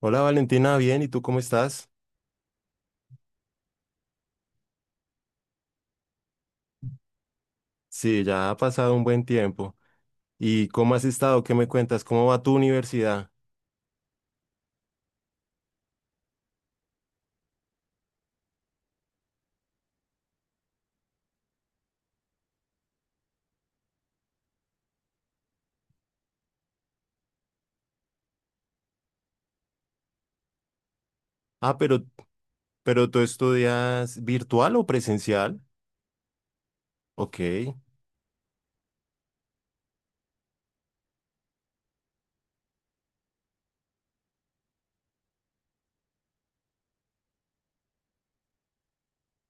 Hola Valentina, bien, ¿y tú cómo estás? Sí, ya ha pasado un buen tiempo. ¿Y cómo has estado? ¿Qué me cuentas? ¿Cómo va tu universidad? Ah, pero ¿tú estudias virtual o presencial? Ok.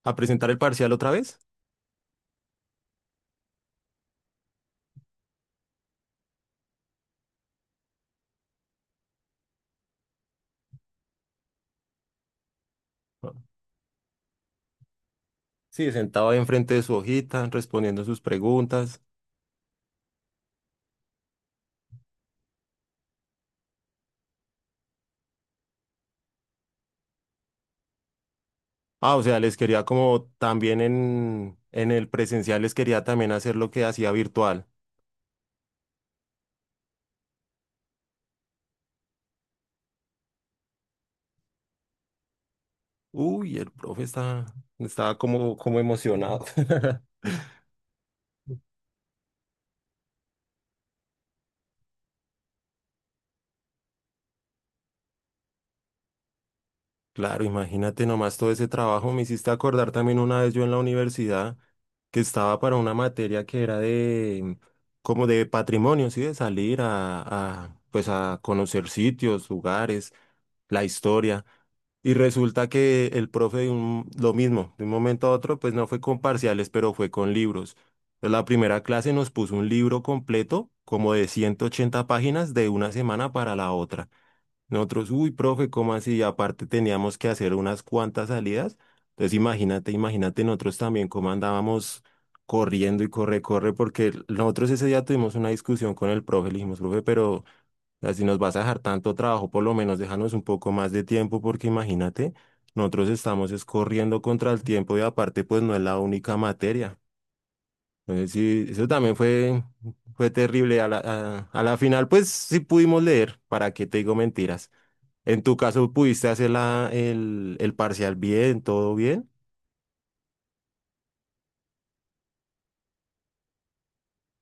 ¿A presentar el parcial otra vez? Ah, sí, sentado ahí enfrente de su hojita, respondiendo sus preguntas. Ah, o sea, les quería como también en el presencial les quería también hacer lo que hacía virtual. Uy, el profe estaba como emocionado. Claro, imagínate nomás todo ese trabajo. Me hiciste acordar también una vez yo en la universidad que estaba para una materia que era de como de patrimonio, sí, de salir a pues a conocer sitios, lugares, la historia. Y resulta que el profe lo mismo, de un momento a otro, pues no fue con parciales, pero fue con libros. Entonces, la primera clase nos puso un libro completo, como de 180 páginas, de una semana para la otra. Nosotros, uy, profe, ¿cómo así? Y aparte teníamos que hacer unas cuantas salidas. Entonces imagínate, imagínate nosotros también cómo andábamos corriendo y corre, corre, porque nosotros ese día tuvimos una discusión con el profe, le dijimos, profe, pero así nos vas a dejar tanto trabajo, por lo menos déjanos un poco más de tiempo, porque imagínate, nosotros estamos es corriendo contra el tiempo y aparte pues no es la única materia. Entonces sí, eso también fue terrible. A la final pues sí pudimos leer, ¿para qué te digo mentiras? En tu caso, ¿pudiste hacer el parcial bien, todo bien?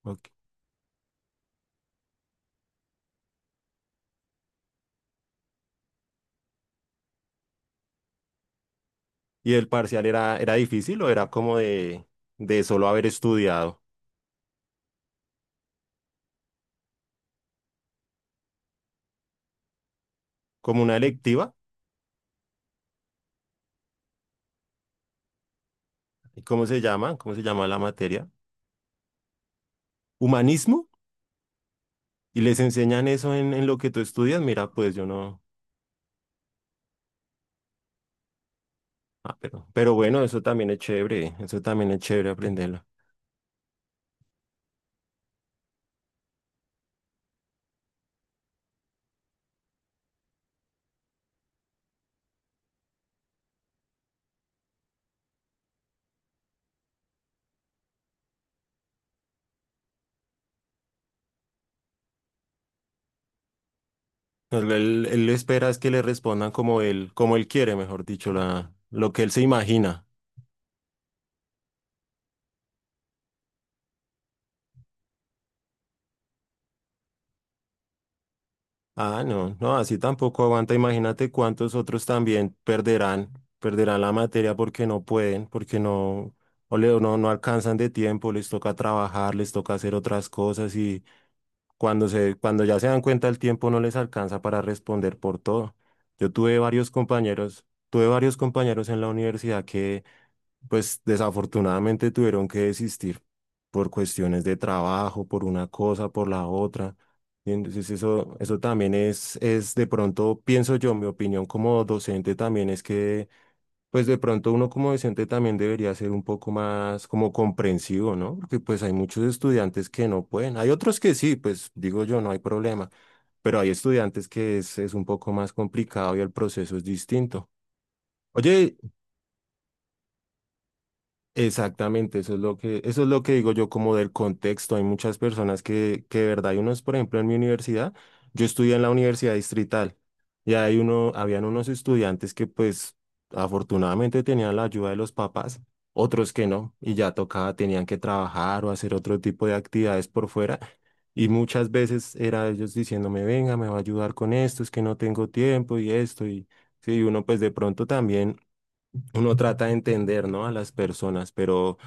Ok. ¿Y el parcial era difícil o era como de solo haber estudiado? Como una electiva. Y ¿cómo se llama? ¿Cómo se llama la materia? ¿Humanismo? ¿Y les enseñan eso en lo que tú estudias? Mira, pues yo no. Ah, pero bueno, eso también es chévere, eso también es chévere aprenderlo. Él espera es que le respondan como él quiere, mejor dicho, lo que él se imagina. Ah, no, no, así tampoco aguanta. Imagínate cuántos otros también perderán la materia porque no pueden, porque no, no, no alcanzan de tiempo, les toca trabajar, les toca hacer otras cosas y cuando ya se dan cuenta el tiempo no les alcanza para responder por todo. Yo tuve varios compañeros en la universidad pues desafortunadamente tuvieron que desistir por cuestiones de trabajo, por una cosa, por la otra. Y entonces eso también es de pronto, pienso yo, mi opinión como docente también es que, pues de pronto uno como docente también debería ser un poco más como comprensivo, ¿no? Porque pues hay muchos estudiantes que no pueden. Hay otros que sí, pues digo yo, no hay problema. Pero hay estudiantes que es un poco más complicado y el proceso es distinto. Oye, exactamente, eso es lo que digo yo como del contexto. Hay muchas personas que de verdad, hay unos, por ejemplo, en mi universidad, yo estudié en la Universidad Distrital y habían unos estudiantes que pues afortunadamente tenían la ayuda de los papás, otros que no, y ya tocaba, tenían que trabajar o hacer otro tipo de actividades por fuera. Y muchas veces era ellos diciéndome, venga, me va a ayudar con esto, es que no tengo tiempo y esto, y sí, uno pues de pronto también uno trata de entender, ¿no? A las personas, pero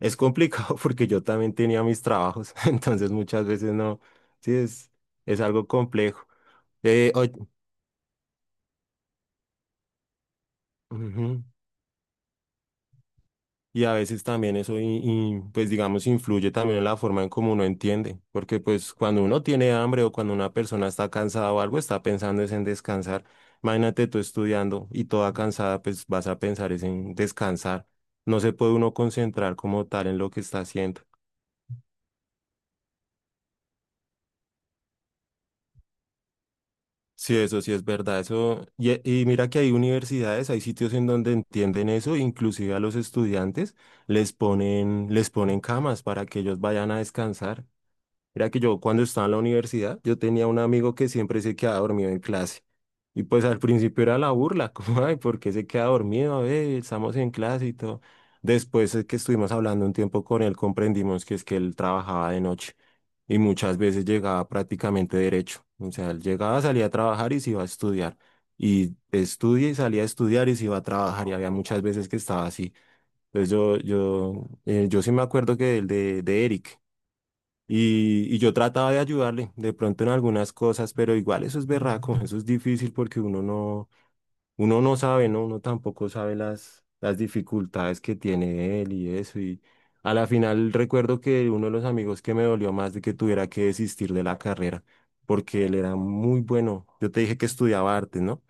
es complicado porque yo también tenía mis trabajos, entonces muchas veces no, sí, es algo complejo. Eh, oy- Ujú. Y a veces también eso, y, pues digamos, influye también en la forma en cómo uno entiende, porque pues cuando uno tiene hambre o cuando una persona está cansada o algo, está pensando es en descansar. Imagínate tú estudiando y toda cansada, pues vas a pensar es en descansar. No se puede uno concentrar como tal en lo que está haciendo. Sí, eso sí es verdad, eso, y mira que hay universidades, hay sitios en donde entienden eso, inclusive a los estudiantes les ponen camas para que ellos vayan a descansar. Mira que yo cuando estaba en la universidad, yo tenía un amigo que siempre se quedaba dormido en clase. Y pues al principio era la burla, como, ay, ¿por qué se queda dormido? A ver, estamos en clase y todo. Después es que estuvimos hablando un tiempo con él, comprendimos que es que él trabajaba de noche y muchas veces llegaba prácticamente derecho. O sea, él llegaba, salía a trabajar y se iba a estudiar. Y estudia y salía a estudiar y se iba a trabajar y había muchas veces que estaba así. Entonces yo sí me acuerdo que el de Eric. Y yo trataba de ayudarle de pronto en algunas cosas, pero igual eso es berraco, eso es difícil porque uno no sabe, ¿no? Uno tampoco sabe las dificultades que tiene él y eso. Y a la final recuerdo que uno de los amigos que me dolió más de que tuviera que desistir de la carrera, porque él era muy bueno. Yo te dije que estudiaba arte, ¿no?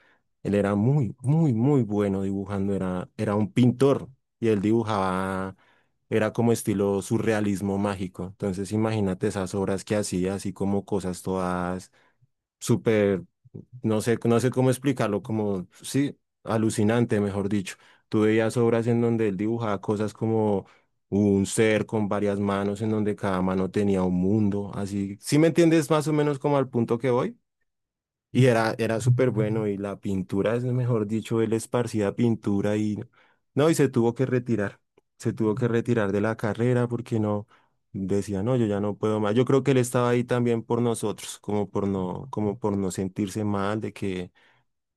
Él era muy, muy, muy bueno dibujando, era un pintor y él dibujaba, era como estilo surrealismo mágico. Entonces imagínate esas obras que hacía, así como cosas todas súper, no sé cómo explicarlo, como, sí, alucinante, mejor dicho. Tú veías obras en donde él dibujaba cosas como un ser con varias manos, en donde cada mano tenía un mundo, así. ¿Sí me entiendes más o menos como al punto que voy? Y era súper bueno y la pintura, es mejor dicho, él esparcía pintura y no, y se tuvo que retirar de la carrera porque no, decía, no, yo ya no puedo más. Yo creo que él estaba ahí también por nosotros, como por no sentirse mal de que,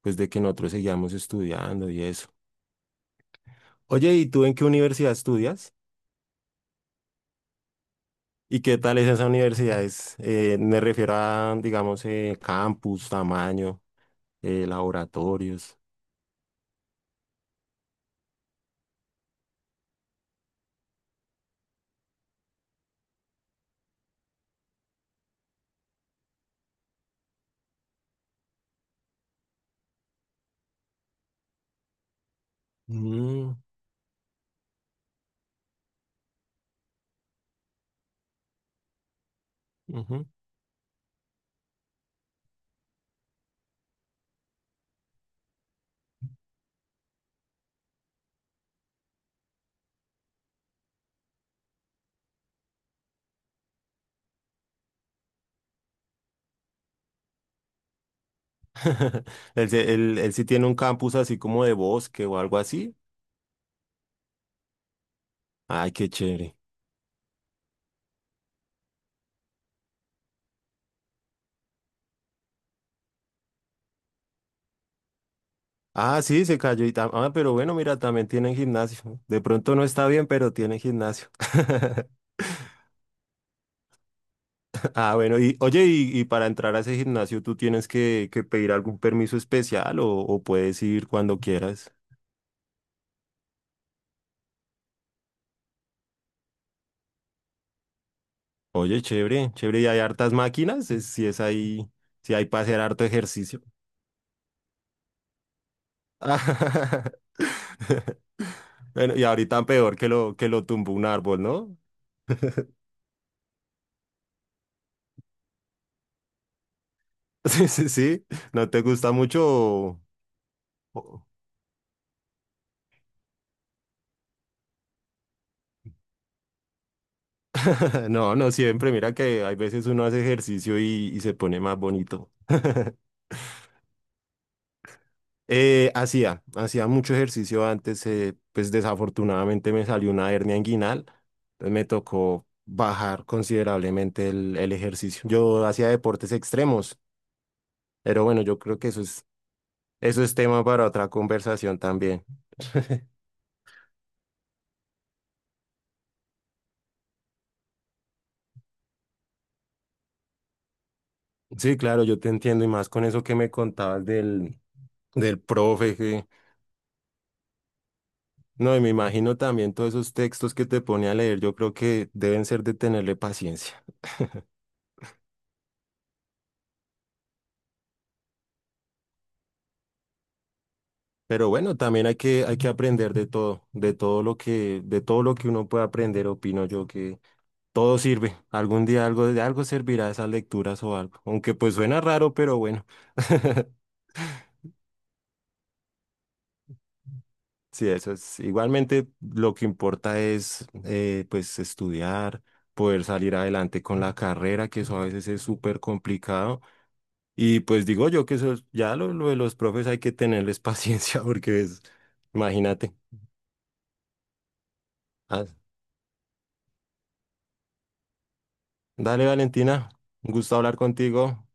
pues de que nosotros seguíamos estudiando y eso. Oye, ¿y tú en qué universidad estudias? ¿Y qué tal es esa universidad? Me refiero a, digamos, campus, tamaño, laboratorios. Mm, ujú. Él sí tiene un campus así como de bosque o algo así. Ay, qué chévere. Ah, sí, se cayó y Ah, pero bueno, mira, también tienen gimnasio. De pronto no está bien, pero tienen gimnasio. Ah, bueno, y oye, y para entrar a ese gimnasio, ¿tú tienes que pedir algún permiso especial o puedes ir cuando quieras? Oye, chévere, chévere, y hay hartas máquinas, si es ahí, si hay para hacer harto ejercicio. Bueno, y ahorita peor que que lo tumbó un árbol, ¿no? Sí, sí, sí. ¿No te gusta mucho? o- No, no siempre. Mira que hay veces uno hace ejercicio y se pone más bonito. Hacía mucho ejercicio antes, pues desafortunadamente me salió una hernia inguinal, entonces me tocó bajar considerablemente el ejercicio. Yo hacía deportes extremos, pero bueno, yo creo que eso es tema para otra conversación también. Sí, claro, yo te entiendo y más con eso que me contabas del profe. No, y me imagino también todos esos textos que te pone a leer, yo creo que deben ser de tenerle paciencia. Pero bueno, también hay que aprender de todo, de todo lo que uno puede aprender, opino yo que todo sirve. Algún día de algo servirá esas lecturas o algo. Aunque pues suena raro, pero bueno. Sí, eso es. Igualmente lo que importa es, pues estudiar, poder salir adelante con la carrera, que eso a veces es súper complicado. Y pues digo yo que ya lo de los profes hay que tenerles paciencia porque imagínate. Ah, dale, Valentina, un gusto hablar contigo.